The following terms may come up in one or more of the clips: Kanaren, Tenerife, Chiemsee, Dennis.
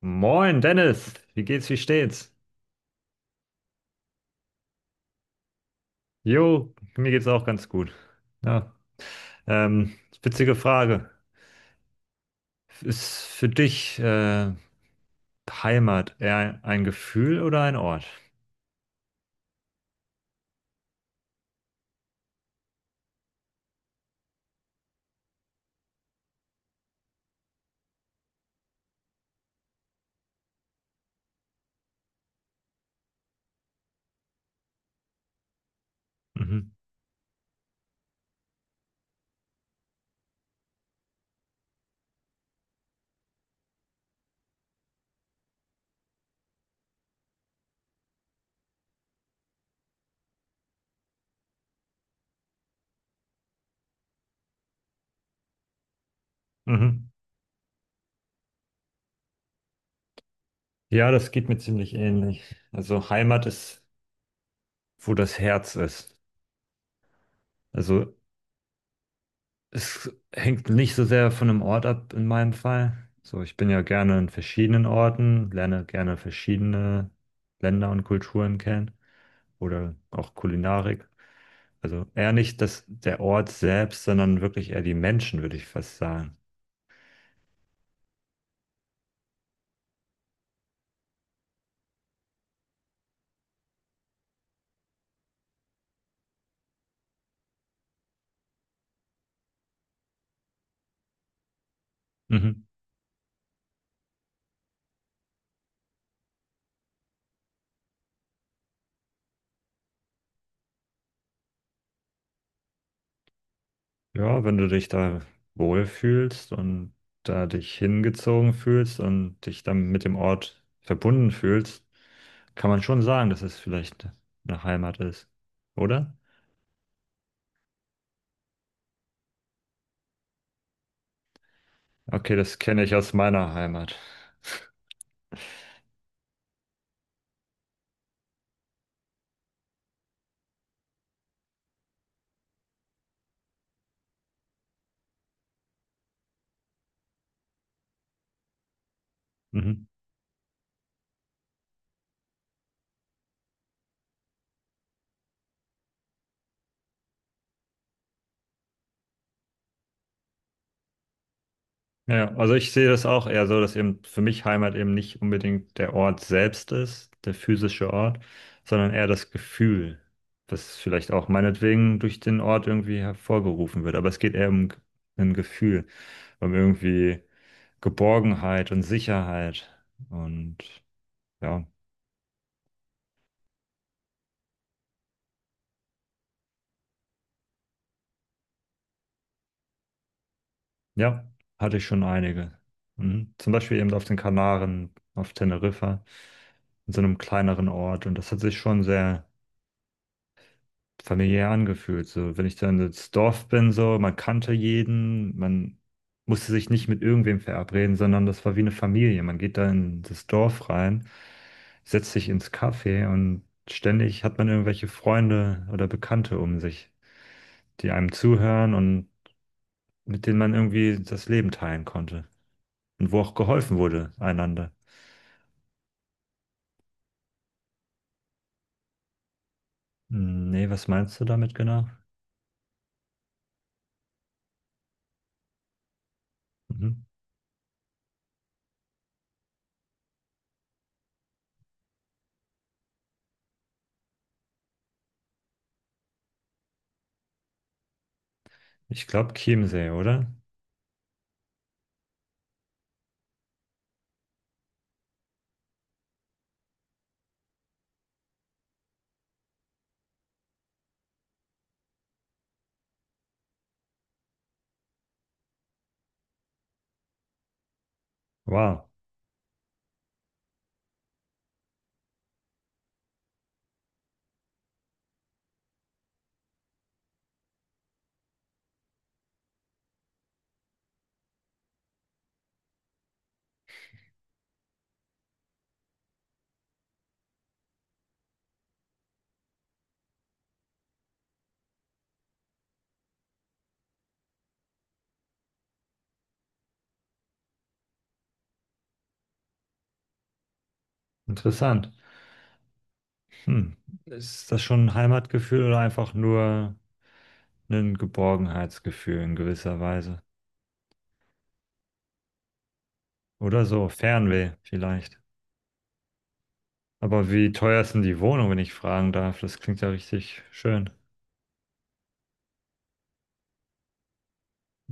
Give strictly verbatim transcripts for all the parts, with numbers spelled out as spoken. Moin, Dennis. Wie geht's, wie steht's? Jo, mir geht's auch ganz gut. Ja. Ähm, Witzige Frage. Ist für dich äh, Heimat eher ein Gefühl oder ein Ort? Mhm. Mhm. Ja, das geht mir ziemlich ähnlich. Also Heimat ist, wo das Herz ist. Also es hängt nicht so sehr von einem Ort ab in meinem Fall. So, ich bin ja gerne in verschiedenen Orten, lerne gerne verschiedene Länder und Kulturen kennen, oder auch Kulinarik. Also eher nicht das, der Ort selbst, sondern wirklich eher die Menschen, würde ich fast sagen. Mhm. Ja, wenn du dich da wohlfühlst und da dich hingezogen fühlst und dich dann mit dem Ort verbunden fühlst, kann man schon sagen, dass es vielleicht eine Heimat ist, oder? Okay, das kenne ich aus meiner Heimat. Mhm. Ja, ja, also ich sehe das auch eher so, dass eben für mich Heimat eben nicht unbedingt der Ort selbst ist, der physische Ort, sondern eher das Gefühl, das vielleicht auch meinetwegen durch den Ort irgendwie hervorgerufen wird. Aber es geht eher um g- ein Gefühl, um irgendwie Geborgenheit und Sicherheit. Und ja, ja, hatte ich schon einige. Mhm. Zum Beispiel eben auf den Kanaren, auf Teneriffa, in so einem kleineren Ort. Und das hat sich schon sehr familiär angefühlt. So, wenn ich dann ins Dorf bin, so, man kannte jeden, man musste sich nicht mit irgendwem verabreden, sondern das war wie eine Familie. Man geht da in das Dorf rein, setzt sich ins Café und ständig hat man irgendwelche Freunde oder Bekannte um sich, die einem zuhören und mit denen man irgendwie das Leben teilen konnte. Und wo auch geholfen wurde, einander. Hm, nee, was meinst du damit genau? Mhm. Ich glaube Chiemsee, oder? Wow, interessant. Hm. Ist das schon ein Heimatgefühl oder einfach nur ein Geborgenheitsgefühl in gewisser Weise? Oder so, Fernweh vielleicht. Aber wie teuer ist denn die Wohnung, wenn ich fragen darf? Das klingt ja richtig schön.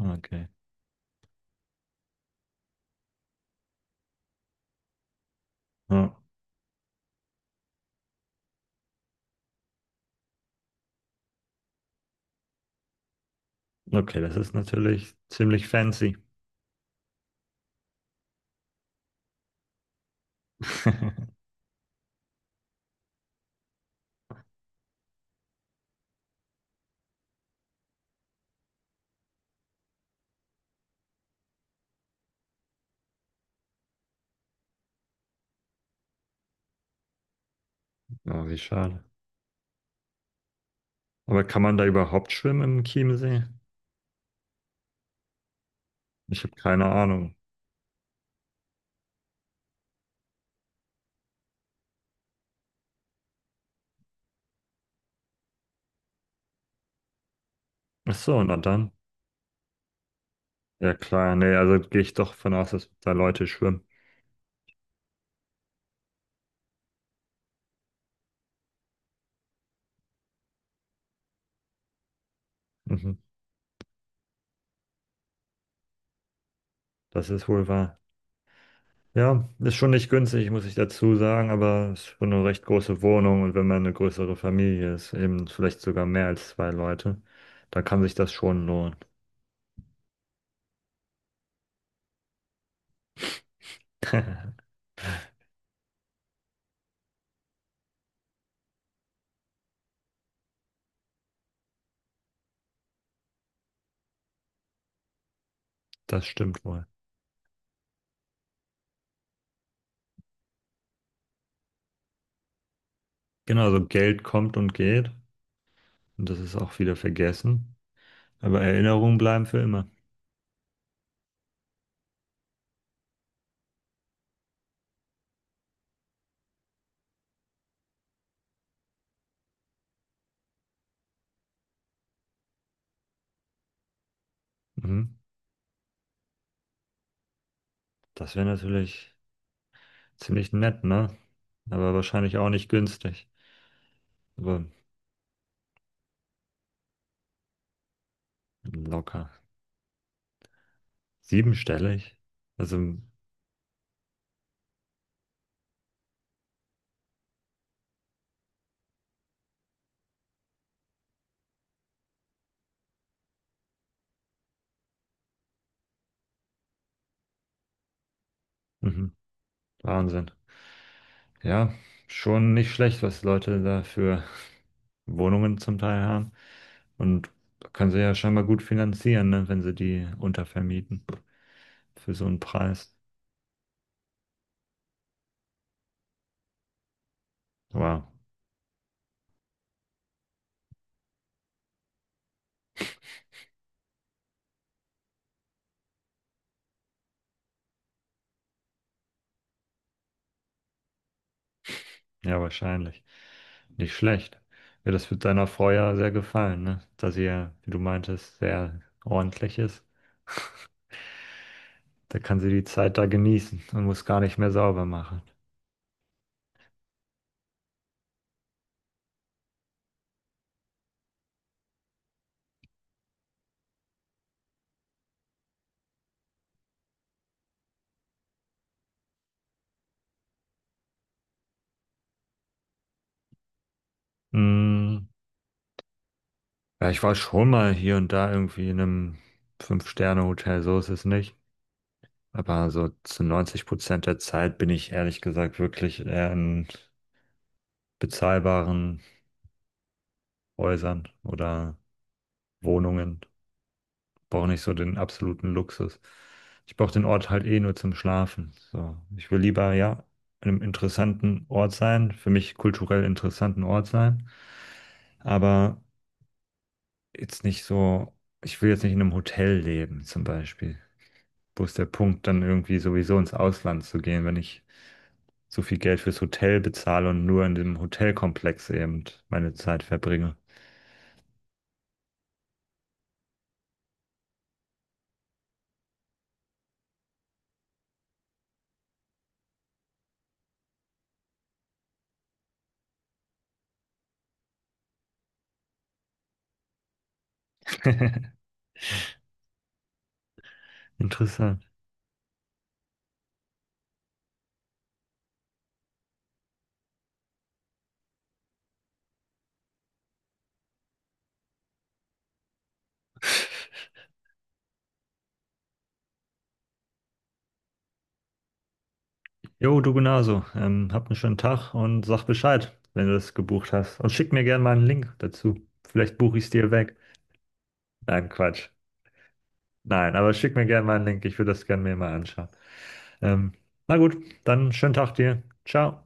Okay. Ja. Okay, das ist natürlich ziemlich fancy. Oh, wie schade. Aber kann man da überhaupt schwimmen im Chiemsee? Ich habe keine Ahnung. Ach so, na dann. Ja klar, nee, also gehe ich doch von aus, dass da Leute schwimmen. Mhm. Das ist wohl wahr. Ja, ist schon nicht günstig, muss ich dazu sagen, aber es ist schon eine recht große Wohnung und wenn man eine größere Familie ist, eben vielleicht sogar mehr als zwei Leute, dann kann sich das schon lohnen. Das stimmt wohl. Genau, also Geld kommt und geht und das ist auch wieder vergessen, aber Erinnerungen bleiben für immer. Mhm. Das wäre natürlich ziemlich nett, ne? Aber wahrscheinlich auch nicht günstig, aber locker. Siebenstellig? Also, mhm. Wahnsinn. Ja, schon nicht schlecht, was Leute da für Wohnungen zum Teil haben. Und können sie ja scheinbar gut finanzieren, ne, wenn sie die untervermieten für so einen Preis. Wow, ja, wahrscheinlich. Nicht schlecht. Ja, das wird deiner Frau ja sehr gefallen, ne? Da sie ja, wie du meintest, sehr ordentlich ist. Da kann sie die Zeit da genießen und muss gar nicht mehr sauber machen. Mm, ja, ich war schon mal hier und da irgendwie in einem Fünf-Sterne-Hotel, so ist es nicht. Aber so zu neunzig Prozent der Zeit bin ich ehrlich gesagt wirklich eher in bezahlbaren Häusern oder Wohnungen. Brauche nicht so den absoluten Luxus. Ich brauche den Ort halt eh nur zum Schlafen. So, ich will lieber, ja, in einem interessanten Ort sein, für mich kulturell interessanten Ort sein, aber jetzt nicht so, ich will jetzt nicht in einem Hotel leben, zum Beispiel. Wo ist der Punkt, dann irgendwie sowieso ins Ausland zu gehen, wenn ich so viel Geld fürs Hotel bezahle und nur in dem Hotelkomplex eben meine Zeit verbringe. Interessant. Jo, du genauso. Ähm, hab einen schönen Tag und sag Bescheid, wenn du das gebucht hast. Und schick mir gerne mal einen Link dazu. Vielleicht buche ich es dir weg. Nein, Quatsch. Nein, aber schick mir gerne mal einen Link. Ich würde das gerne mir mal anschauen. Ähm, na gut, dann schönen Tag dir. Ciao.